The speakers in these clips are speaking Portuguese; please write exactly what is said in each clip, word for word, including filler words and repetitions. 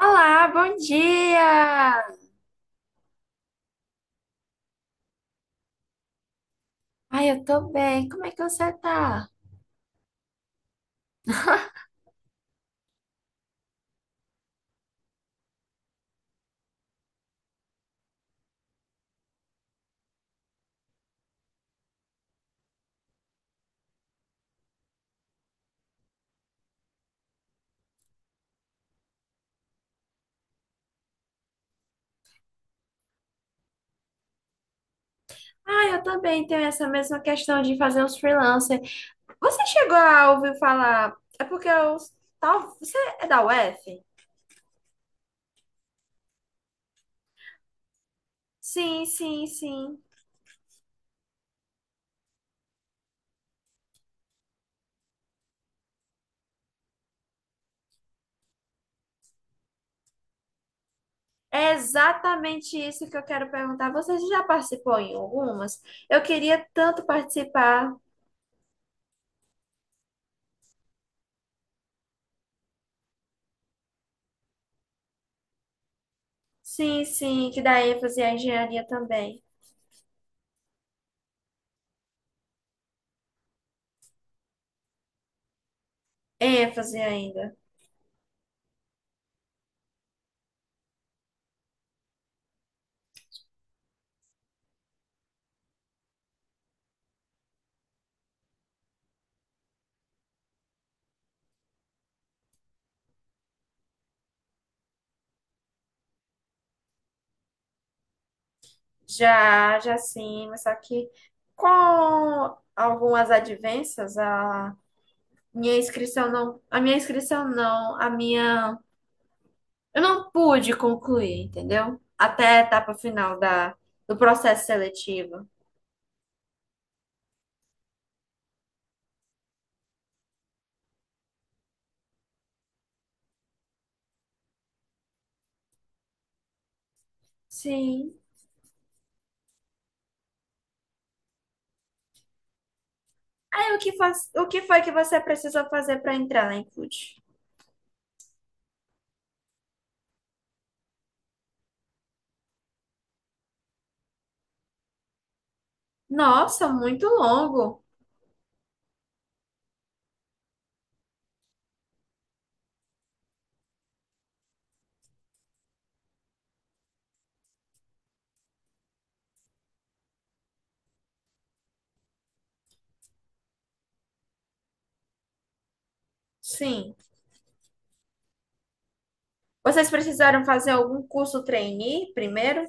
Olá, bom dia! Ai, eu tô bem. Como é que você tá? Ai, eu também tenho essa mesma questão de fazer uns freelancer. Você chegou a ouvir falar? É porque eu. Tal... Você é da U F? Sim, sim, sim. É exatamente isso que eu quero perguntar. Você já participou em algumas? Eu queria tanto participar. Sim, sim, que dá ênfase à engenharia também. Ênfase ainda. Já, já sim, mas só que com algumas advências, a minha inscrição não, a minha inscrição não, a minha, eu não pude concluir, entendeu? Até a etapa final da, do processo seletivo. Sim. Aí o que faz, o que foi que você precisou fazer para entrar na Include? Nossa, muito longo. Sim. Vocês precisaram fazer algum curso trainee primeiro?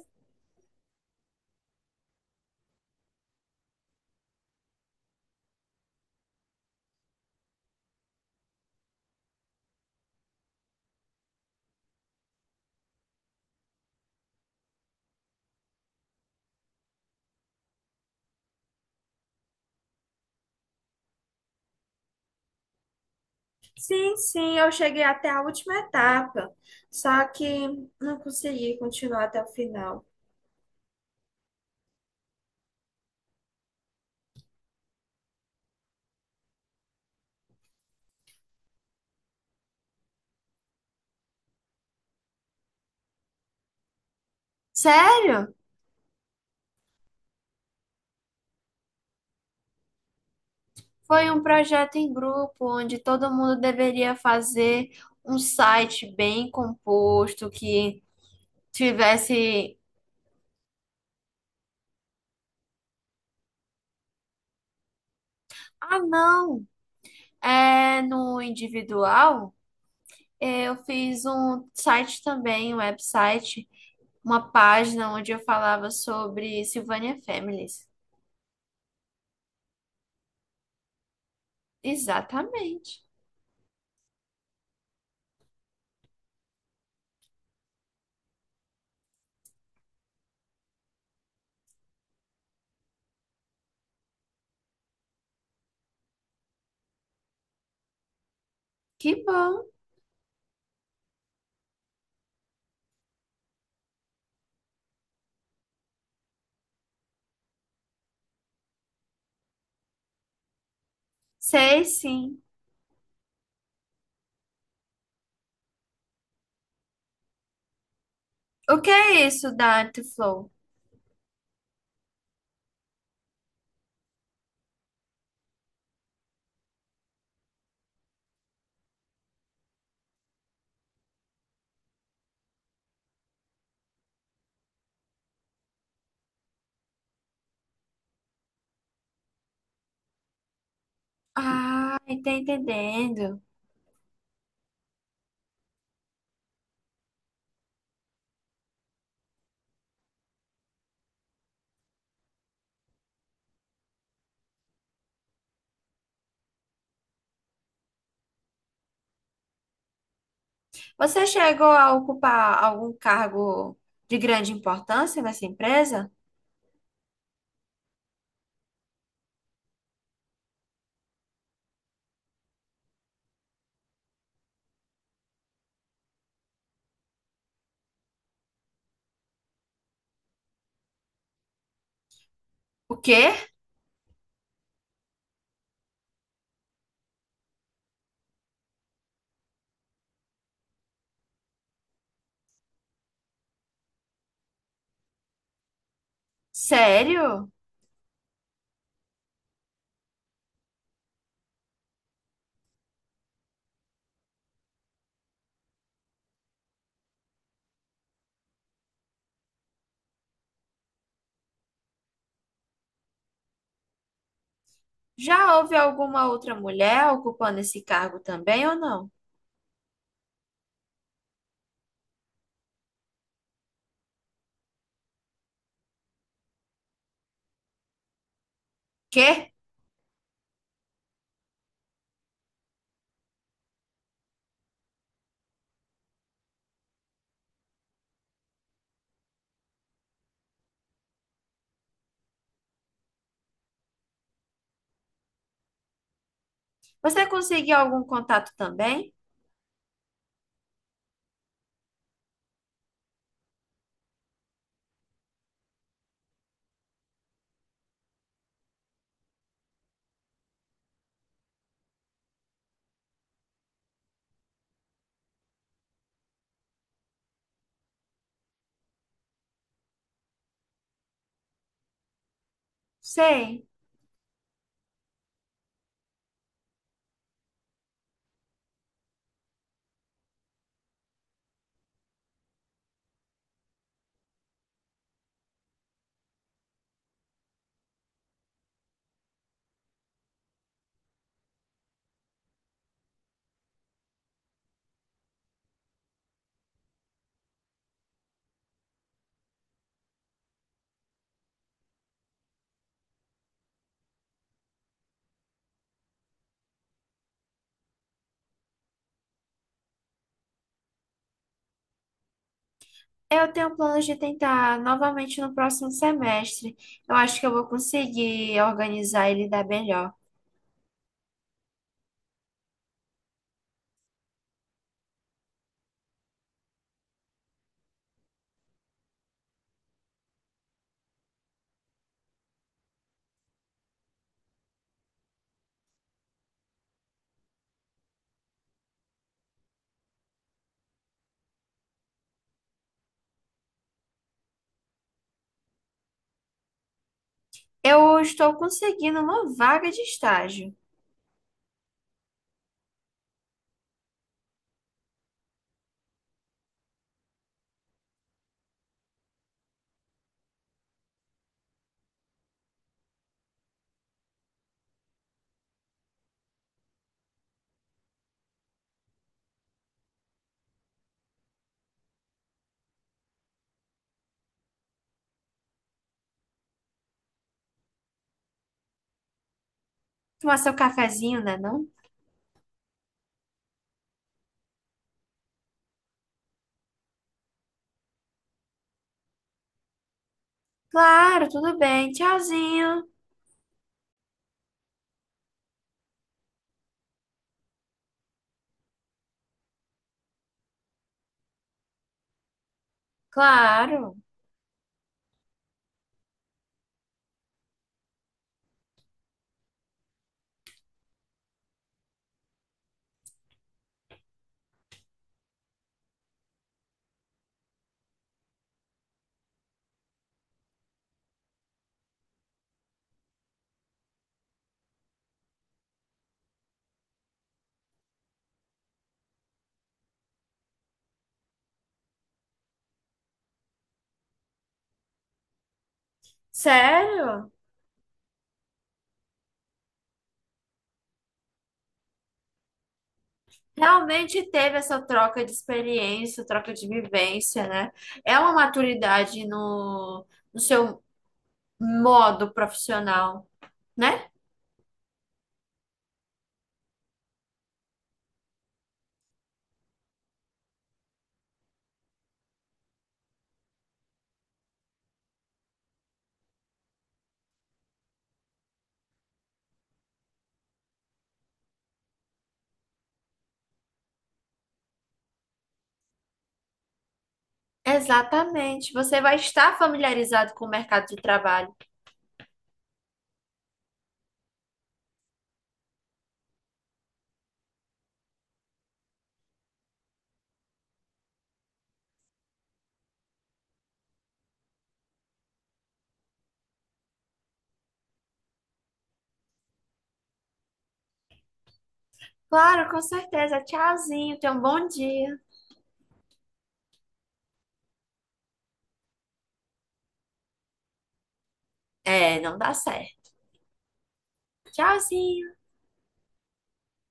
Sim, sim, eu cheguei até a última etapa, só que não consegui continuar até o final. Sério? Foi um projeto em grupo onde todo mundo deveria fazer um site bem composto que tivesse. Ah, não! É no individual. Eu fiz um site também, um website, uma página onde eu falava sobre Silvânia Families. Exatamente. Que bom! Sei sim. O que é isso da Artflow? Ah, tá entendendo. Você chegou a ocupar algum cargo de grande importância nessa empresa? O quê? Sério? Já houve alguma outra mulher ocupando esse cargo também ou não? Quê? Você conseguiu algum contato também? Sei. Eu tenho planos de tentar novamente no próximo semestre. Eu acho que eu vou conseguir organizar e lidar melhor. Eu estou conseguindo uma vaga de estágio. Tomar seu cafezinho, né, não? Claro, tudo bem. Tchauzinho. Claro. Sério? Realmente teve essa troca de experiência, troca de vivência, né? É uma maturidade no, no seu modo profissional, né? Exatamente. Você vai estar familiarizado com o mercado de trabalho. Claro, com certeza. Tchauzinho, tenha um bom dia. É, não dá certo. Tchauzinho.